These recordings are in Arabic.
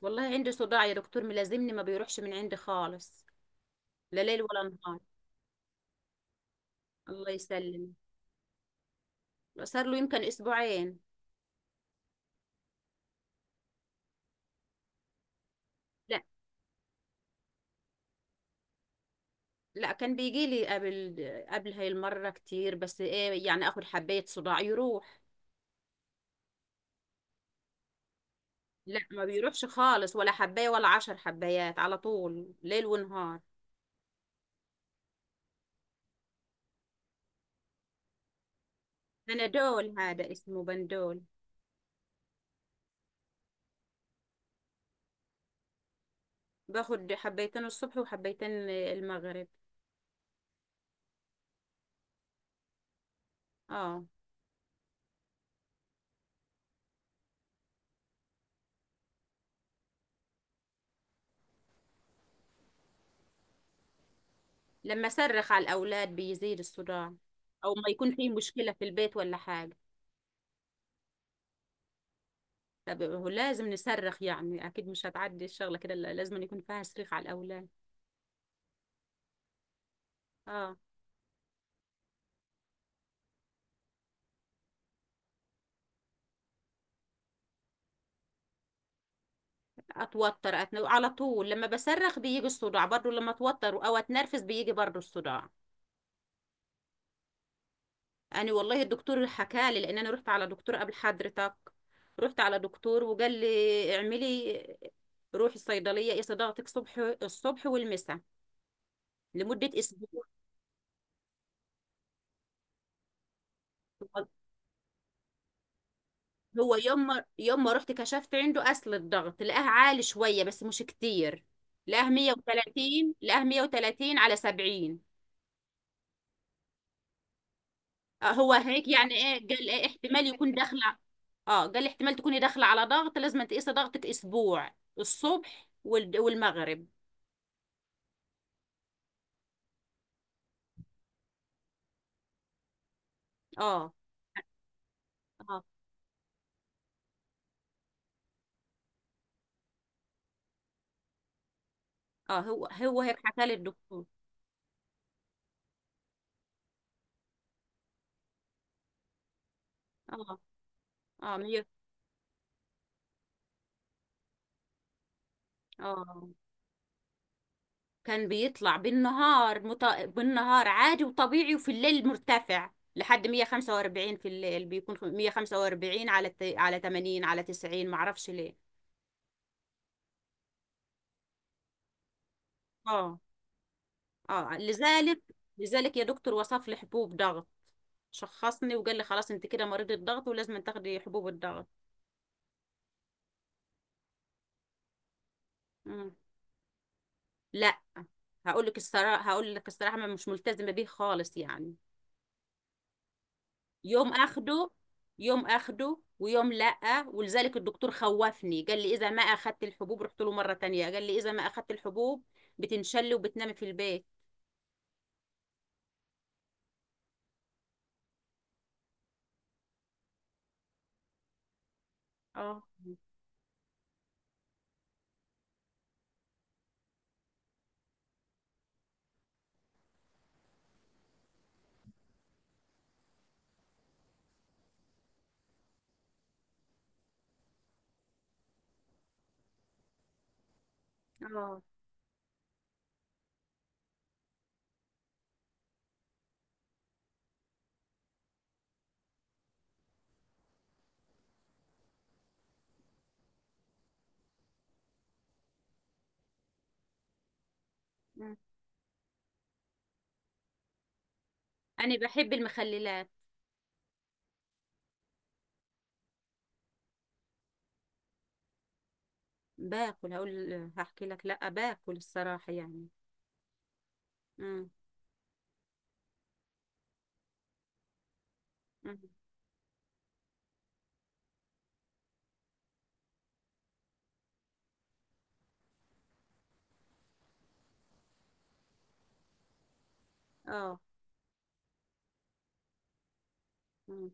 والله عندي صداع يا دكتور، ملازمني ما بيروحش من عندي خالص، لا ليل ولا نهار. الله يسلم. صار له يمكن اسبوعين. لا، لا، كان بيجي لي قبل هاي المرة كتير، بس ايه يعني، اخد حباية صداع يروح. لا، ما بيروحش خالص، ولا حباية ولا 10 حبايات، على طول ليل ونهار. بنادول، هذا اسمه بندول. باخد حبيتين الصبح وحبيتين المغرب. اه. لما صرخ على الاولاد بيزيد الصداع، او ما يكون في مشكلة في البيت ولا حاجة. طب هو لازم نصرخ يعني، اكيد مش هتعدي الشغله كده، لا، لازم يكون فيها صريخ على الاولاد. اه. على طول لما بصرخ بيجي الصداع، برضو لما اتوتر او اتنرفز بيجي برضو الصداع. انا والله الدكتور حكالي، لان انا رحت على دكتور قبل حضرتك، رحت على دكتور وقال لي اعملي، روحي الصيدليه. ايه صداعتك؟ الصبح والمساء، لمده اسبوع. هو يوم ما رحت كشفت عنده، اصل الضغط لقاه عالي شويه بس مش كتير، لقاه 130، لقاه 130 على 70. آه، هو هيك يعني، ايه قال؟ ايه، احتمال يكون داخله. اه، قال احتمال تكوني داخله على ضغط، لازم تقيسي ضغطك اسبوع الصبح والمغرب. اه، اه. اه، هو هيك حكى لي الدكتور. اه، اه، 100. اه، كان بيطلع بالنهار عادي وطبيعي، وفي الليل مرتفع لحد 145، في الليل بيكون 145 على 80، على 90، معرفش ليه. اه، اه، لذلك يا دكتور وصف لي حبوب ضغط، شخصني وقال لي: خلاص انت كده مريضة ضغط، ولازم تاخدي حبوب الضغط. مم. لا. هقول لك الصراحة، ما مش ملتزمة بيه خالص يعني. يوم اخده يوم اخده ويوم لأ، ولذلك الدكتور خوفني، قال لي: اذا ما اخدت الحبوب، رحت له مرة تانية قال لي: اذا ما اخدت الحبوب بتنشلي وبتنامي في البيت. اه، اه. مم. انا بحب المخللات. باكل هقول هحكي لك، لا، باكل الصراحة يعني. مم. مم. اه. مم.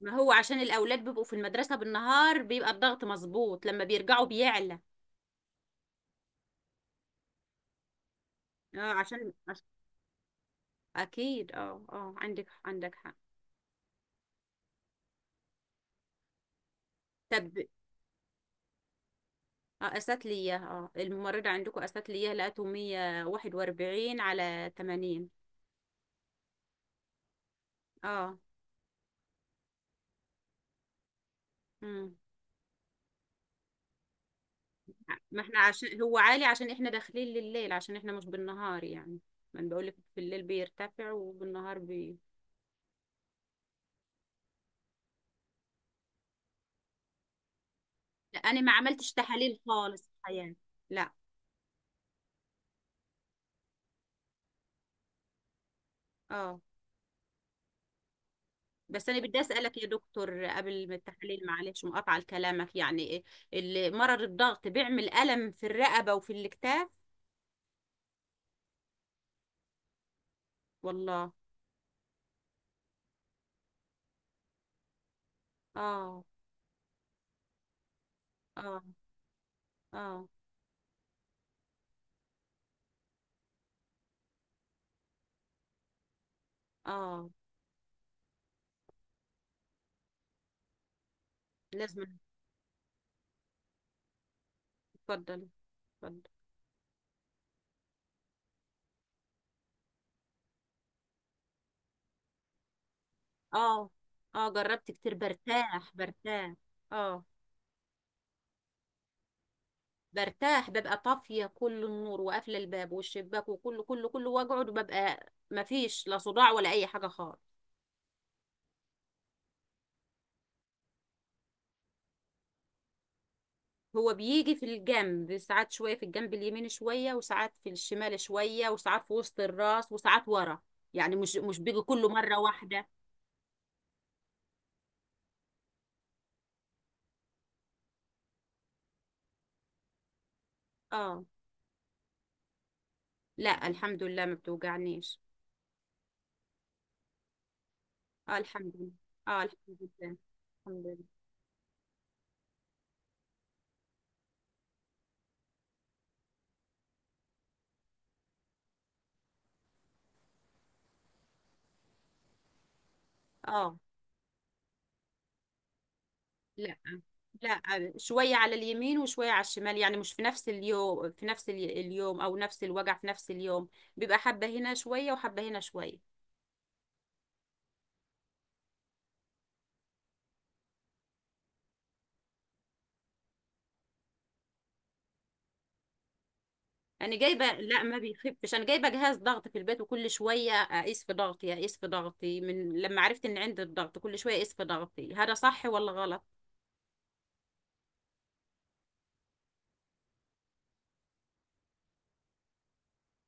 ما هو عشان الاولاد بيبقوا في المدرسة بالنهار بيبقى الضغط مظبوط، لما بيرجعوا بيعلى. اه، اكيد، اه، اه، عندك حق. طب. اه، قست لي اياها اه الممرضة عندكم قست لي اياها، لقيته 141 على 80. اه. امم ما احنا عشان هو عالي، عشان احنا داخلين لليل، عشان احنا مش بالنهار يعني. ما انا بقولك في الليل بيرتفع وبالنهار بي لا، انا ما عملتش تحاليل خالص في حياتي. لا. اه. بس انا بدي اسالك يا دكتور قبل ما التحاليل، معلش مقاطعه لكلامك، يعني إيه اللي مرض الضغط بيعمل، الم في الرقبه وفي الاكتاف؟ والله. اه، اه، اه، اه. لازم. اتفضل. اتفضل. اه، اه، جربت كتير، برتاح برتاح. اه، برتاح، ببقى طافية كل النور وقافلة الباب والشباك، وكله كله كله، واقعد وببقى مفيش لا صداع ولا أي حاجة خالص. هو بيجي في الجنب ساعات، شوية في الجنب اليمين شوية، وساعات في الشمال شوية، وساعات في وسط الراس، وساعات ورا، يعني مش بيجي كله مرة واحدة. اه. لا، الحمد لله، ما بتوجعنيش. اه، الحمد لله. اه، الحمد لله، الحمد لله. اه. لا، لا، شوية على اليمين وشوية على الشمال، يعني مش في نفس اليوم، في نفس اليوم أو نفس الوجع في نفس اليوم، بيبقى حبة هنا شوية وحبة هنا شوية. أنا جايبة. لا، ما بيخفش. أنا جايبة جهاز ضغط في البيت، وكل شوية أقيس في ضغطي من لما عرفت إن عندي الضغط، كل شوية أقيس في ضغطي، هذا صح ولا غلط؟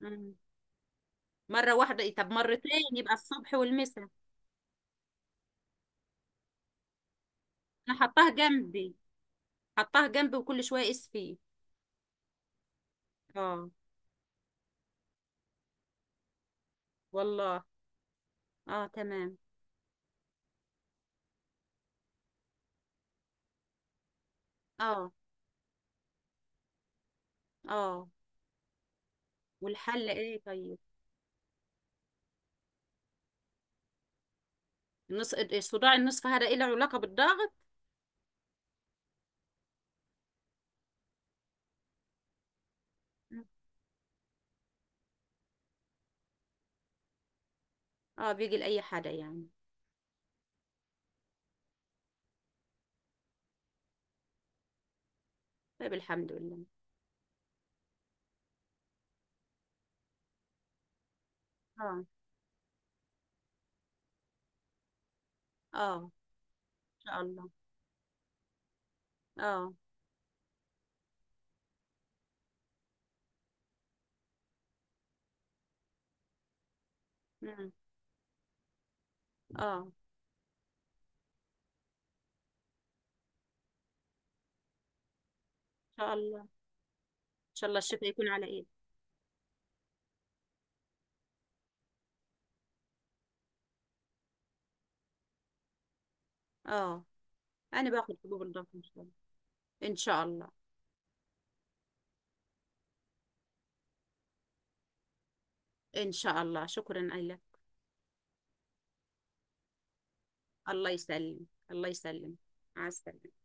مم. مرة واحدة إيه، طب مرتين، يبقى الصبح والمساء. أنا حطاه جنبي، حطاه جنبي وكل شوية أقيس فيه. اه. والله. اه، تمام. اه، اه. والحل ايه طيب؟ صداع النصف هذا ايه، له علاقة بالضغط؟ اه، بيجي لأي حدا يعني. طيب، الحمد لله. اه، اه، ان شاء الله. اه. مم. اه، ان شاء الله، ان شاء الله الشفاء يكون على ايه. اه، انا باخد حبوب الضغط ان شاء الله. ان شاء الله. ان شاء الله، شكرا لك. الله يسلم، الله يسلم. مع السلامة.